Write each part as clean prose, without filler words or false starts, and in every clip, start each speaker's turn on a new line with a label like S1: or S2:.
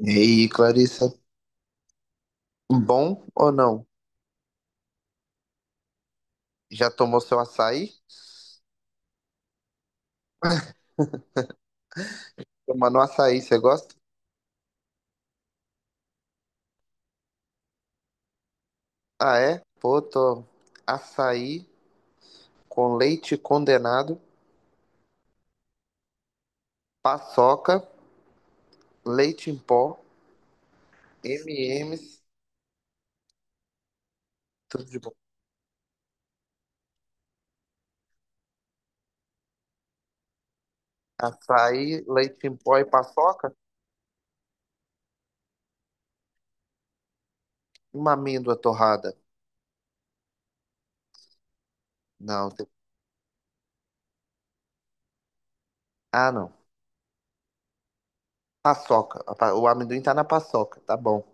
S1: E aí, Clarissa, bom ou não? Já tomou seu açaí? Tomando açaí, você gosta? Ah, é? Pô, tô açaí com leite condenado, paçoca, leite em pó, M&M's, tudo de bom. Açaí, leite em pó e paçoca? Uma amêndoa torrada. Não, ah, não. Paçoca. O amendoim tá na paçoca, tá bom.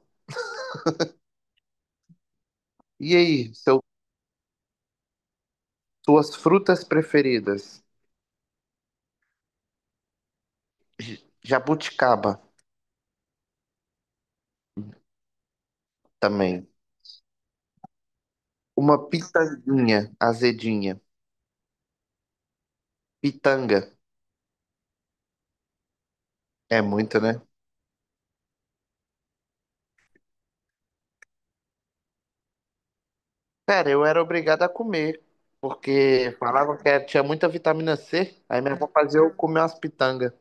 S1: E aí, suas frutas preferidas? Jabuticaba também. Uma pitanguinha azedinha. Pitanga. É muito, né? Cara, eu era obrigado a comer, porque falava que tinha muita vitamina C, aí minha avó fazia eu comer umas pitangas.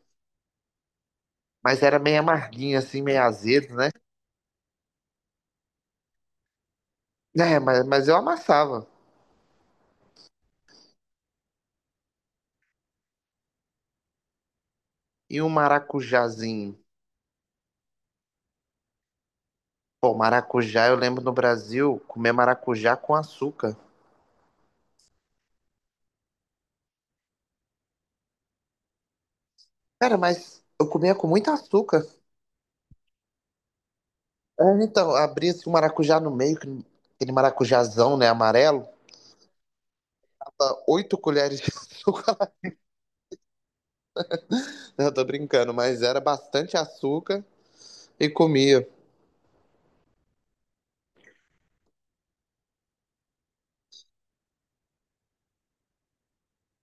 S1: Mas era meio amarguinha, assim, meio azedo, né? É, mas eu amassava. E um maracujazinho? Pô, maracujá, eu lembro no Brasil, comer maracujá com açúcar. Cara, mas eu comia com muito açúcar. É, então, abria-se o maracujá no meio, aquele maracujazão, né, amarelo. Tava oito colheres de açúcar. Eu tô brincando, mas era bastante açúcar e comia.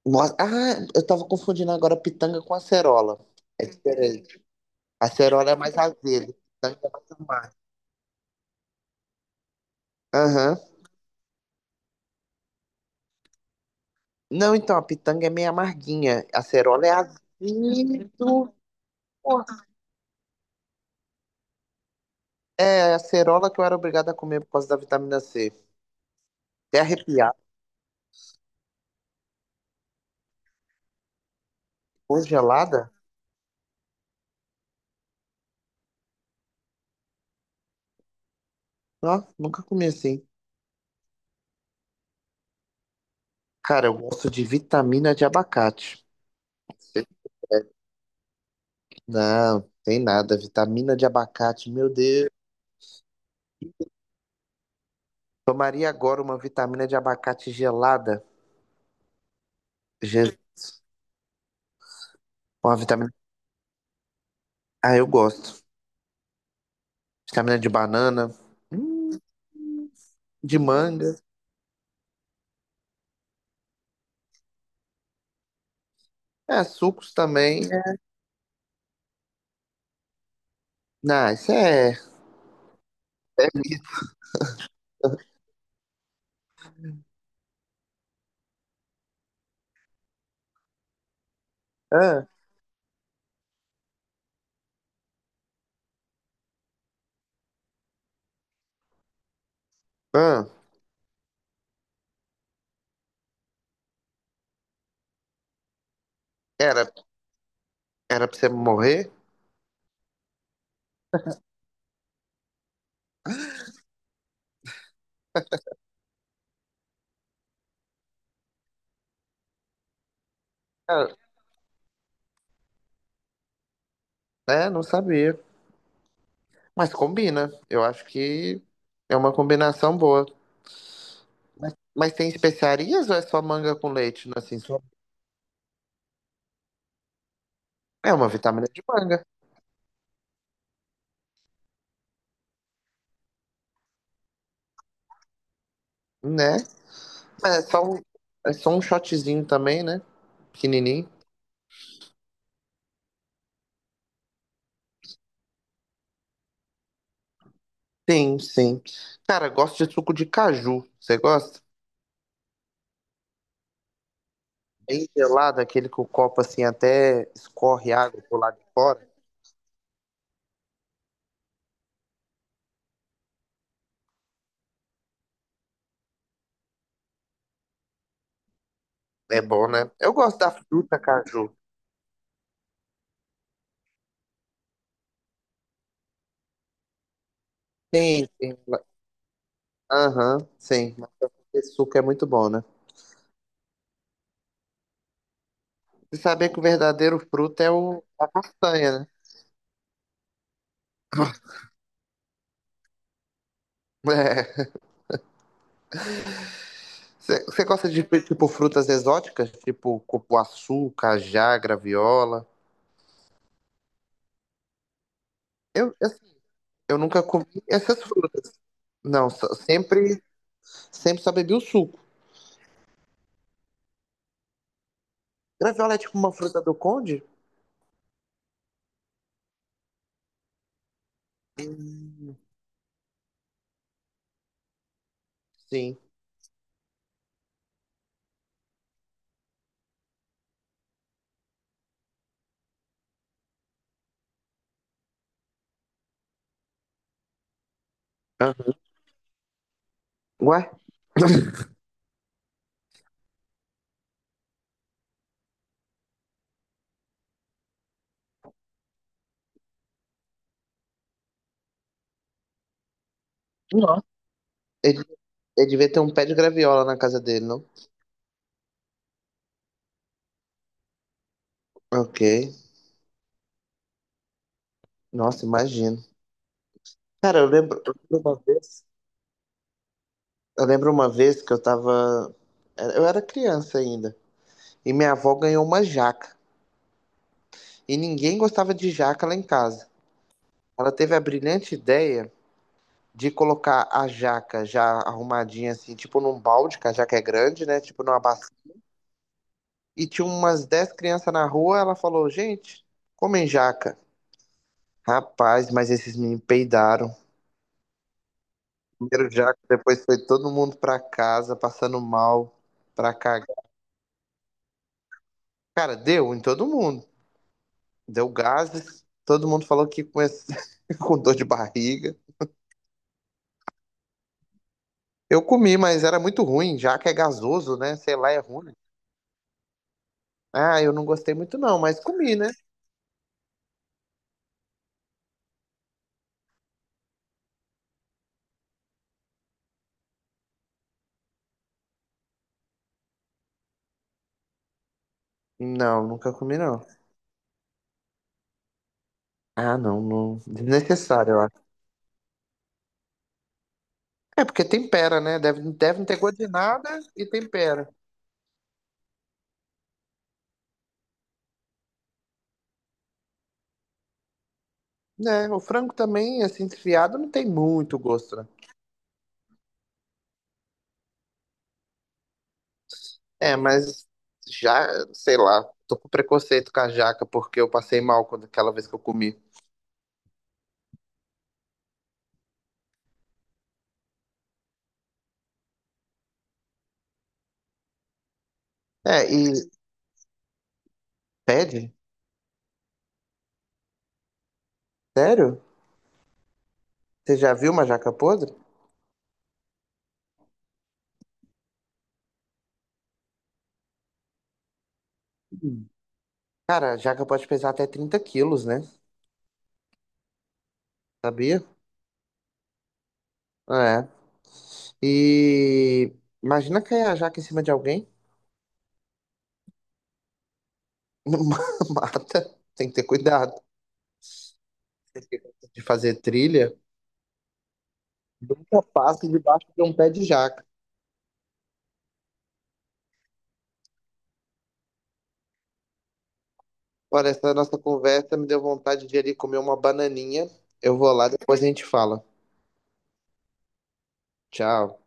S1: Nossa, ah, eu tava confundindo agora pitanga com acerola. É diferente. A acerola é mais azedo, pitanga é mais amarga. Aham. Não, então, a pitanga é meio amarguinha. A acerola é azedo. É, a acerola que eu era obrigado a comer por causa da vitamina C. Até arrepiar. Congelada? Ó, nunca comi assim. Cara, eu gosto de vitamina de abacate. Não, tem nada. Vitamina de abacate, meu Deus. Tomaria agora uma vitamina de abacate gelada. Je- Uma vitamina. Ah, eu gosto. Vitamina de banana, hum, de manga. É, sucos também. É. Não, isso é. é- ah, ah, era, era pra você morrer? Ah, é, não sabia. Mas combina. Eu acho que é uma combinação boa. Mas tem especiarias ou é só manga com leite, né? Assim, só. É uma vitamina de manga, né? Mas é só um shotzinho também, né? Pequenininho. Sim, sim. Cara, gosto de suco de caju. Você gosta? Bem gelado, aquele que o copo assim até escorre água pro lado de fora. É bom, né? Eu gosto da fruta caju. Sim, sim. Aham, sim. Mas esse suco é muito bom, né? Você sabia que o verdadeiro fruto é a castanha, né? É. Você gosta de, tipo, frutas exóticas? Tipo cupuaçu, cajá, graviola? Eu, assim, eu nunca comi essas frutas. Não, sempre só bebi o suco. Graviola é tipo uma fruta do conde? Sim. Uhum. Ué? Nossa. Ele ele devia ter um pé de graviola na casa dele, não? Ok. Nossa, imagino. Cara, eu lembro uma vez. Eu lembro uma vez que eu tava. Eu era criança ainda. E minha avó ganhou uma jaca. E ninguém gostava de jaca lá em casa. Ela teve a brilhante ideia de colocar a jaca já arrumadinha, assim, tipo num balde, que a jaca é grande, né? Tipo numa bacia, e tinha umas 10 crianças na rua. Ela falou: Gente, comem jaca. Rapaz, mas esses meninos peidaram. Primeiro jaca, depois foi todo mundo pra casa, passando mal, pra cagar. Cara, deu em todo mundo. Deu gases. Todo mundo falou que com dor de barriga. Eu comi, mas era muito ruim. Jaca é gasoso, né? Sei lá, é ruim. Ah, eu não gostei muito não, mas comi, né? Não, nunca comi não. Ah, não, não. Desnecessário. Eu É porque tempera, né? Deve não ter gosto de nada e tempera. Né? O frango também, assim, desfiado, não tem muito gosto, né? É, mas já, sei lá, tô com preconceito com a jaca porque eu passei mal quando, aquela vez que eu comi. É, e pede? Sério? Você já viu uma jaca podre? Hum. Cara, a jaca pode pesar até 30 quilos, né? Sabia? É. E imagina cair a jaca em cima de alguém. Mata. Tem que ter cuidado. Tem que ter cuidado de fazer trilha. Nunca passo debaixo de um pé de jaca. Olha, essa nossa conversa me deu vontade de ir ali comer uma bananinha. Eu vou lá, depois a gente fala. Tchau.